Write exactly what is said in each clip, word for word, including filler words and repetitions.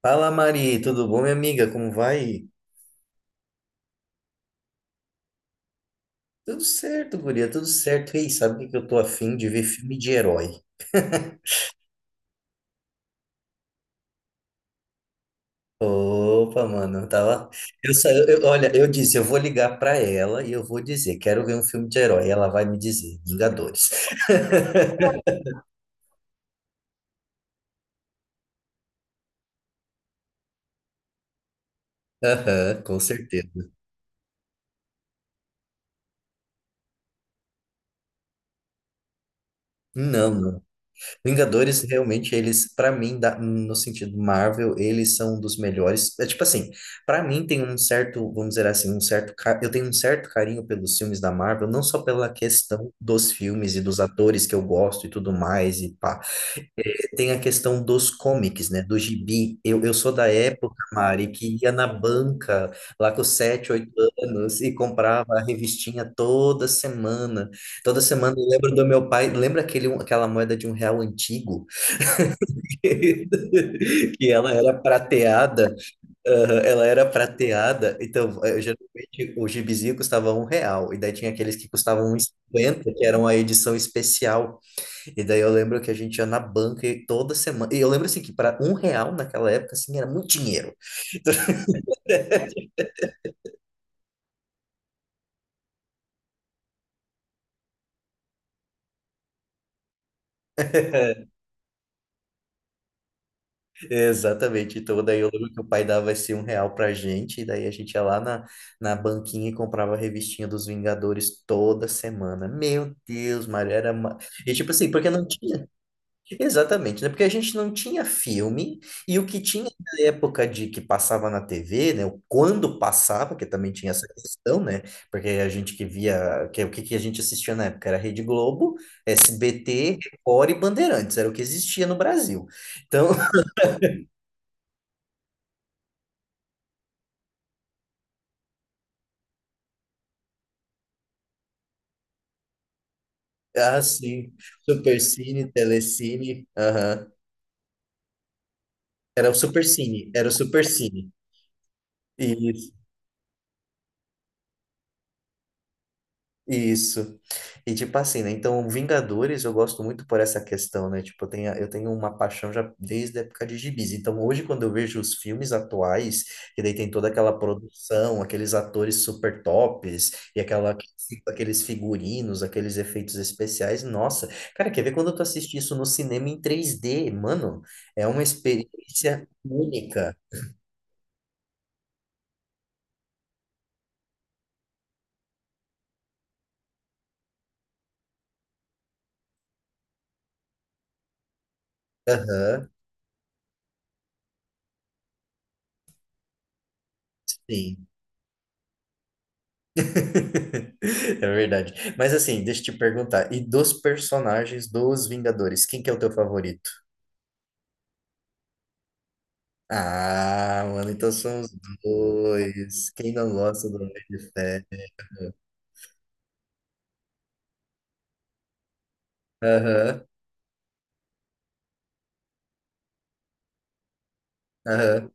Fala Mari, tudo bom, minha amiga? Como vai? Tudo certo, guria, tudo certo. Ei, sabe o que que eu tô afim de ver filme de herói? Opa, mano, eu tava. Eu, sa- eu, eu- olha, eu disse, eu vou ligar pra ela e eu vou dizer, quero ver um filme de herói. Ela vai me dizer, Vingadores. Aham, com certeza. Não, não. Vingadores, realmente, eles, pra mim, da- no sentido Marvel, eles são um dos melhores. É tipo assim, pra mim tem um certo, vamos dizer assim, um certo, ca- eu tenho um certo carinho pelos filmes da Marvel, não só pela questão dos filmes e dos atores que eu gosto e tudo mais, e pá. Tem a questão dos comics, né, do gibi. Eu, eu sou da época, Mari, que ia na banca, lá com sete oito anos, e comprava a revistinha toda semana. Toda semana eu lembro do meu pai, lembra aquele, aquela moeda de um real antigo? Que ela era prateada, aham, ela era prateada, então eh, geralmente o gibizinho custava um real, e daí tinha aqueles que custavam uns cinquenta, que eram a edição especial. E daí eu lembro que a gente ia na banca e toda semana, e eu lembro assim que para um real naquela época, assim, era muito dinheiro. Exatamente. Então, daí eu lembro que o pai dava esse um real pra gente, e daí a gente ia lá na, na banquinha e comprava a revistinha dos Vingadores toda semana. Meu Deus, Mário, era. Uma... E tipo assim, porque não tinha. Exatamente, né? Porque a gente não tinha filme, e o que tinha na época de que passava na T V, né? o Quando passava, que também tinha essa questão, né? Porque a gente que via. Que, o que, que a gente assistia na época era Rede Globo, S B T, Record e Bandeirantes, era o que existia no Brasil. Então, ah, sim. Supercine, Telecine. Aham. Era o Supercine. Era o Supercine. Isso. E tipo assim, né? Então, Vingadores eu gosto muito por essa questão, né? Tipo, eu tenho, eu tenho uma paixão já desde a época de gibis. Então, hoje, quando eu vejo os filmes atuais, que daí tem toda aquela produção, aqueles atores super tops, e aquela, aqueles figurinos, aqueles efeitos especiais, nossa, cara, quer ver quando tu assiste isso no cinema em três D, mano? É uma experiência única. Aham, sim. É verdade. Mas assim, deixa eu te perguntar. E dos personagens dos Vingadores, quem que é o teu favorito? Ah, mano, então são os dois. Quem não gosta do Homem de Ferro? Aham, aham.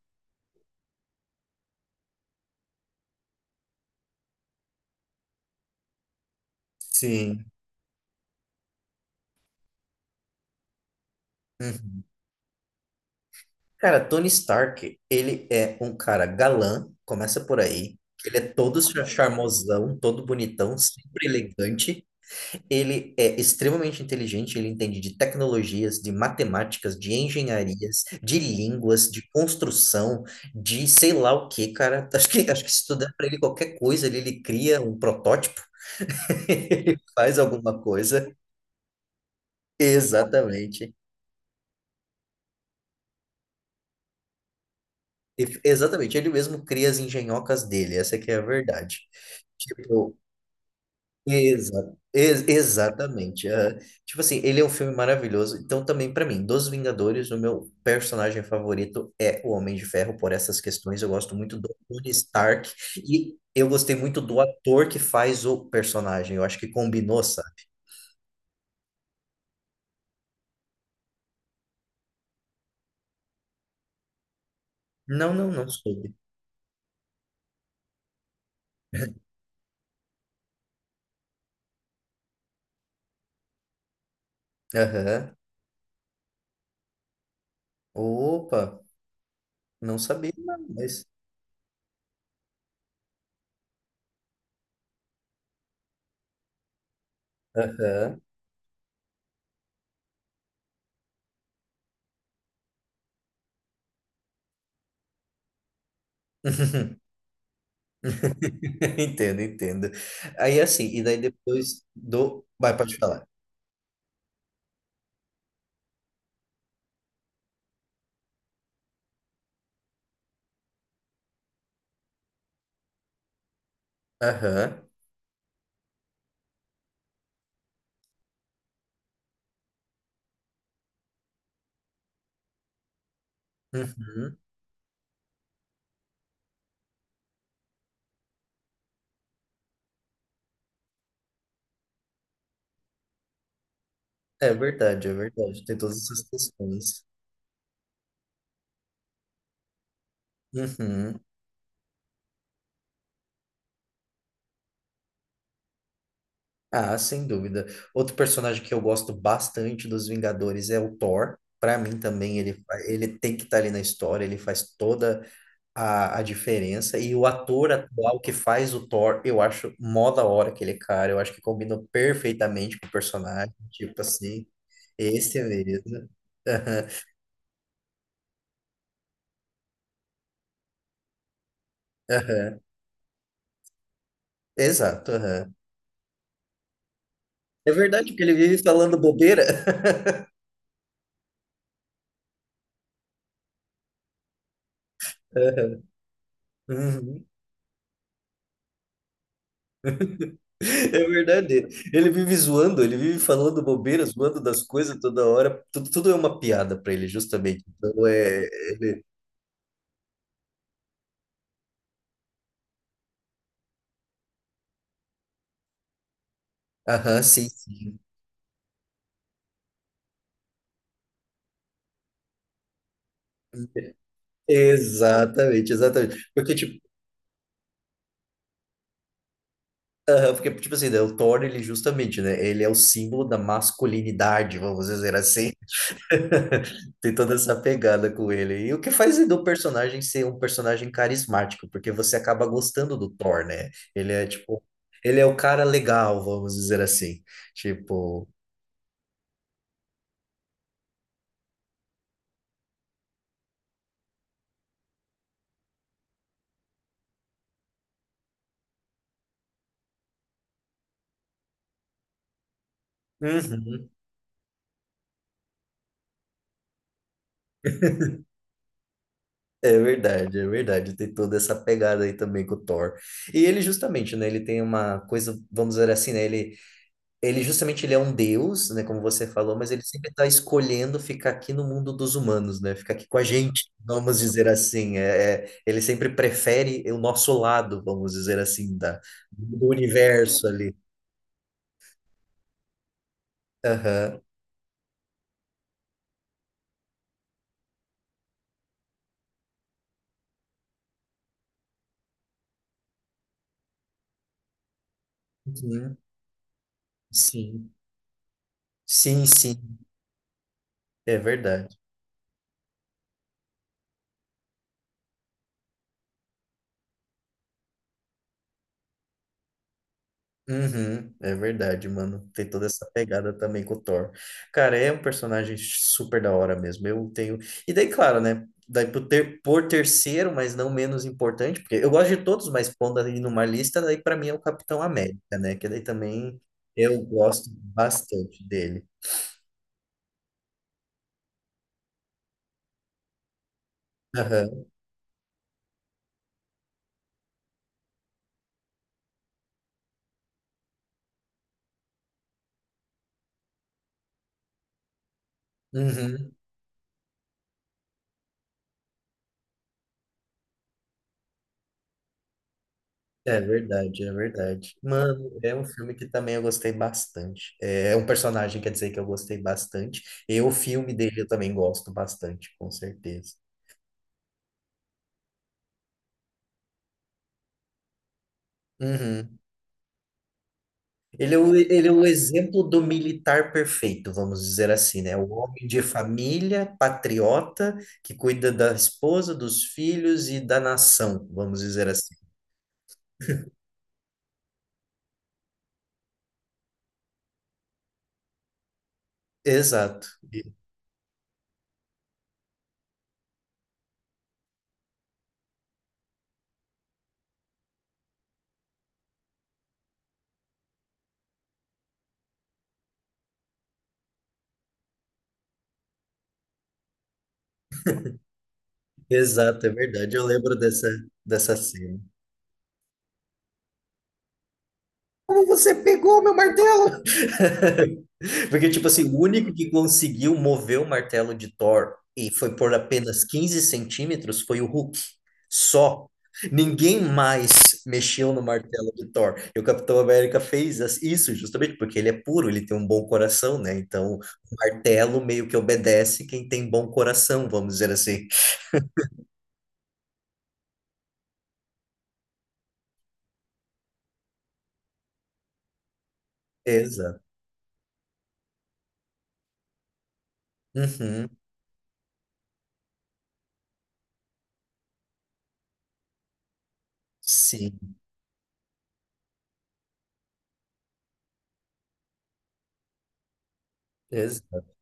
Sim. Uhum. Cara, Tony Stark, ele é um cara galã, começa por aí. Ele é todo char- charmosão, todo bonitão, sempre elegante. Ele é extremamente inteligente, ele entende de tecnologias, de matemáticas, de engenharias, de línguas, de construção, de sei lá o que, cara. Acho que, acho que se tu der pra ele qualquer coisa, ele, ele cria um protótipo. Ele faz alguma coisa. Exatamente. E- Exatamente, ele mesmo cria as engenhocas dele, essa que é a verdade. Tipo, Exa ex- exatamente. É. Tipo assim, ele é um filme maravilhoso. Então, também para mim, dos Vingadores, o meu personagem favorito é o Homem de Ferro, por essas questões. Eu gosto muito do Tony Stark e eu gostei muito do ator que faz o personagem. Eu acho que combinou, sabe? Não, não, não soube. Aham. Opa, não sabia, não, mas. Aham. Entendo, entendo. Aí assim, e daí depois do. Vai, pode falar. Aham. Uhum. É verdade, é verdade. Tem todas essas questões. Uhum. Ah, sem dúvida. Outro personagem que eu gosto bastante dos Vingadores é o Thor. Para mim também ele, fa- ele tem que estar ali na história, ele faz toda a, a diferença. E o ator atual que faz o Thor, eu acho mó da hora aquele cara. Eu acho que combina perfeitamente com o personagem. Tipo assim, esse é mesmo. Aham, aham. Exato, aham. É verdade que ele vive falando bobeira. Aham. Uhum. É verdade. Ele vive zoando, ele vive falando bobeira, zoando das coisas toda hora. Tudo, tudo é uma piada para ele, justamente. Então é. Ele... Aham, sim, sim. Exatamente, exatamente. Porque, tipo, aham, porque, tipo assim, né, o Thor, ele justamente, né? Ele é o símbolo da masculinidade, vamos dizer assim. Tem toda essa pegada com ele. E o que faz do personagem ser um personagem carismático, porque você acaba gostando do Thor, né? Ele é tipo, ele é o cara legal, vamos dizer assim. Tipo, uhum, é verdade, é verdade. Tem toda essa pegada aí também com o Thor. E ele justamente, né, ele tem uma coisa, vamos dizer assim, né, ele Ele justamente ele é um deus, né, como você falou, mas ele sempre está escolhendo ficar aqui no mundo dos humanos, né? Ficar aqui com a gente, vamos dizer assim. É, é, ele sempre prefere o nosso lado, vamos dizer assim, da, do universo ali. Aham. Uhum. Sim, sim, sim, é verdade. Uhum, é verdade, mano. Tem toda essa pegada também com o Thor. Cara, é um personagem super da hora mesmo. Eu tenho. E daí, claro, né? Daí por ter por terceiro, mas não menos importante, porque eu gosto de todos, mas pondo ali numa lista, daí pra mim é o Capitão América, né? Que daí também eu gosto bastante dele. Aham. Uhum. É verdade, é verdade. Mano, é um filme que também eu gostei bastante. É é um personagem, quer dizer, que eu gostei bastante. E o filme dele eu também gosto bastante, com certeza. Uhum. Ele é o, ele é o exemplo do militar perfeito, vamos dizer assim, né? O homem de família, patriota, que cuida da esposa, dos filhos e da nação, vamos dizer assim. Exato, E- exato, é verdade. Eu lembro dessa, dessa cena. Como você pegou meu martelo? Porque, tipo assim, o único que conseguiu mover o martelo de Thor e foi por apenas quinze centímetros foi o Hulk. Só. Ninguém mais mexeu no martelo de Thor. E o Capitão América fez as- isso justamente porque ele é puro, ele tem um bom coração, né? Então, o martelo meio que obedece quem tem bom coração, vamos dizer assim. Exato. Uhum. Sim. Exato.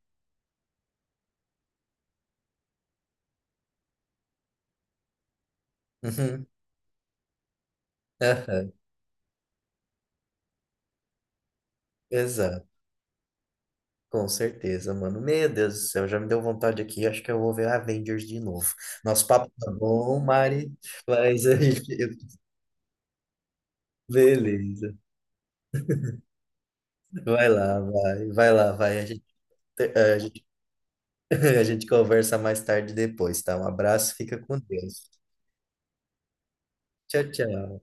Uhum. Aham. Exato. Com certeza, mano. Meu Deus do céu, já me deu vontade aqui. Acho que eu vou ver Avengers de novo. Nosso papo tá bom, Mari, mas a gente... Beleza. Vai lá, vai. Vai lá, vai. A gente, a gente, a gente conversa mais tarde depois, tá? Um abraço, fica com Deus. Tchau, tchau.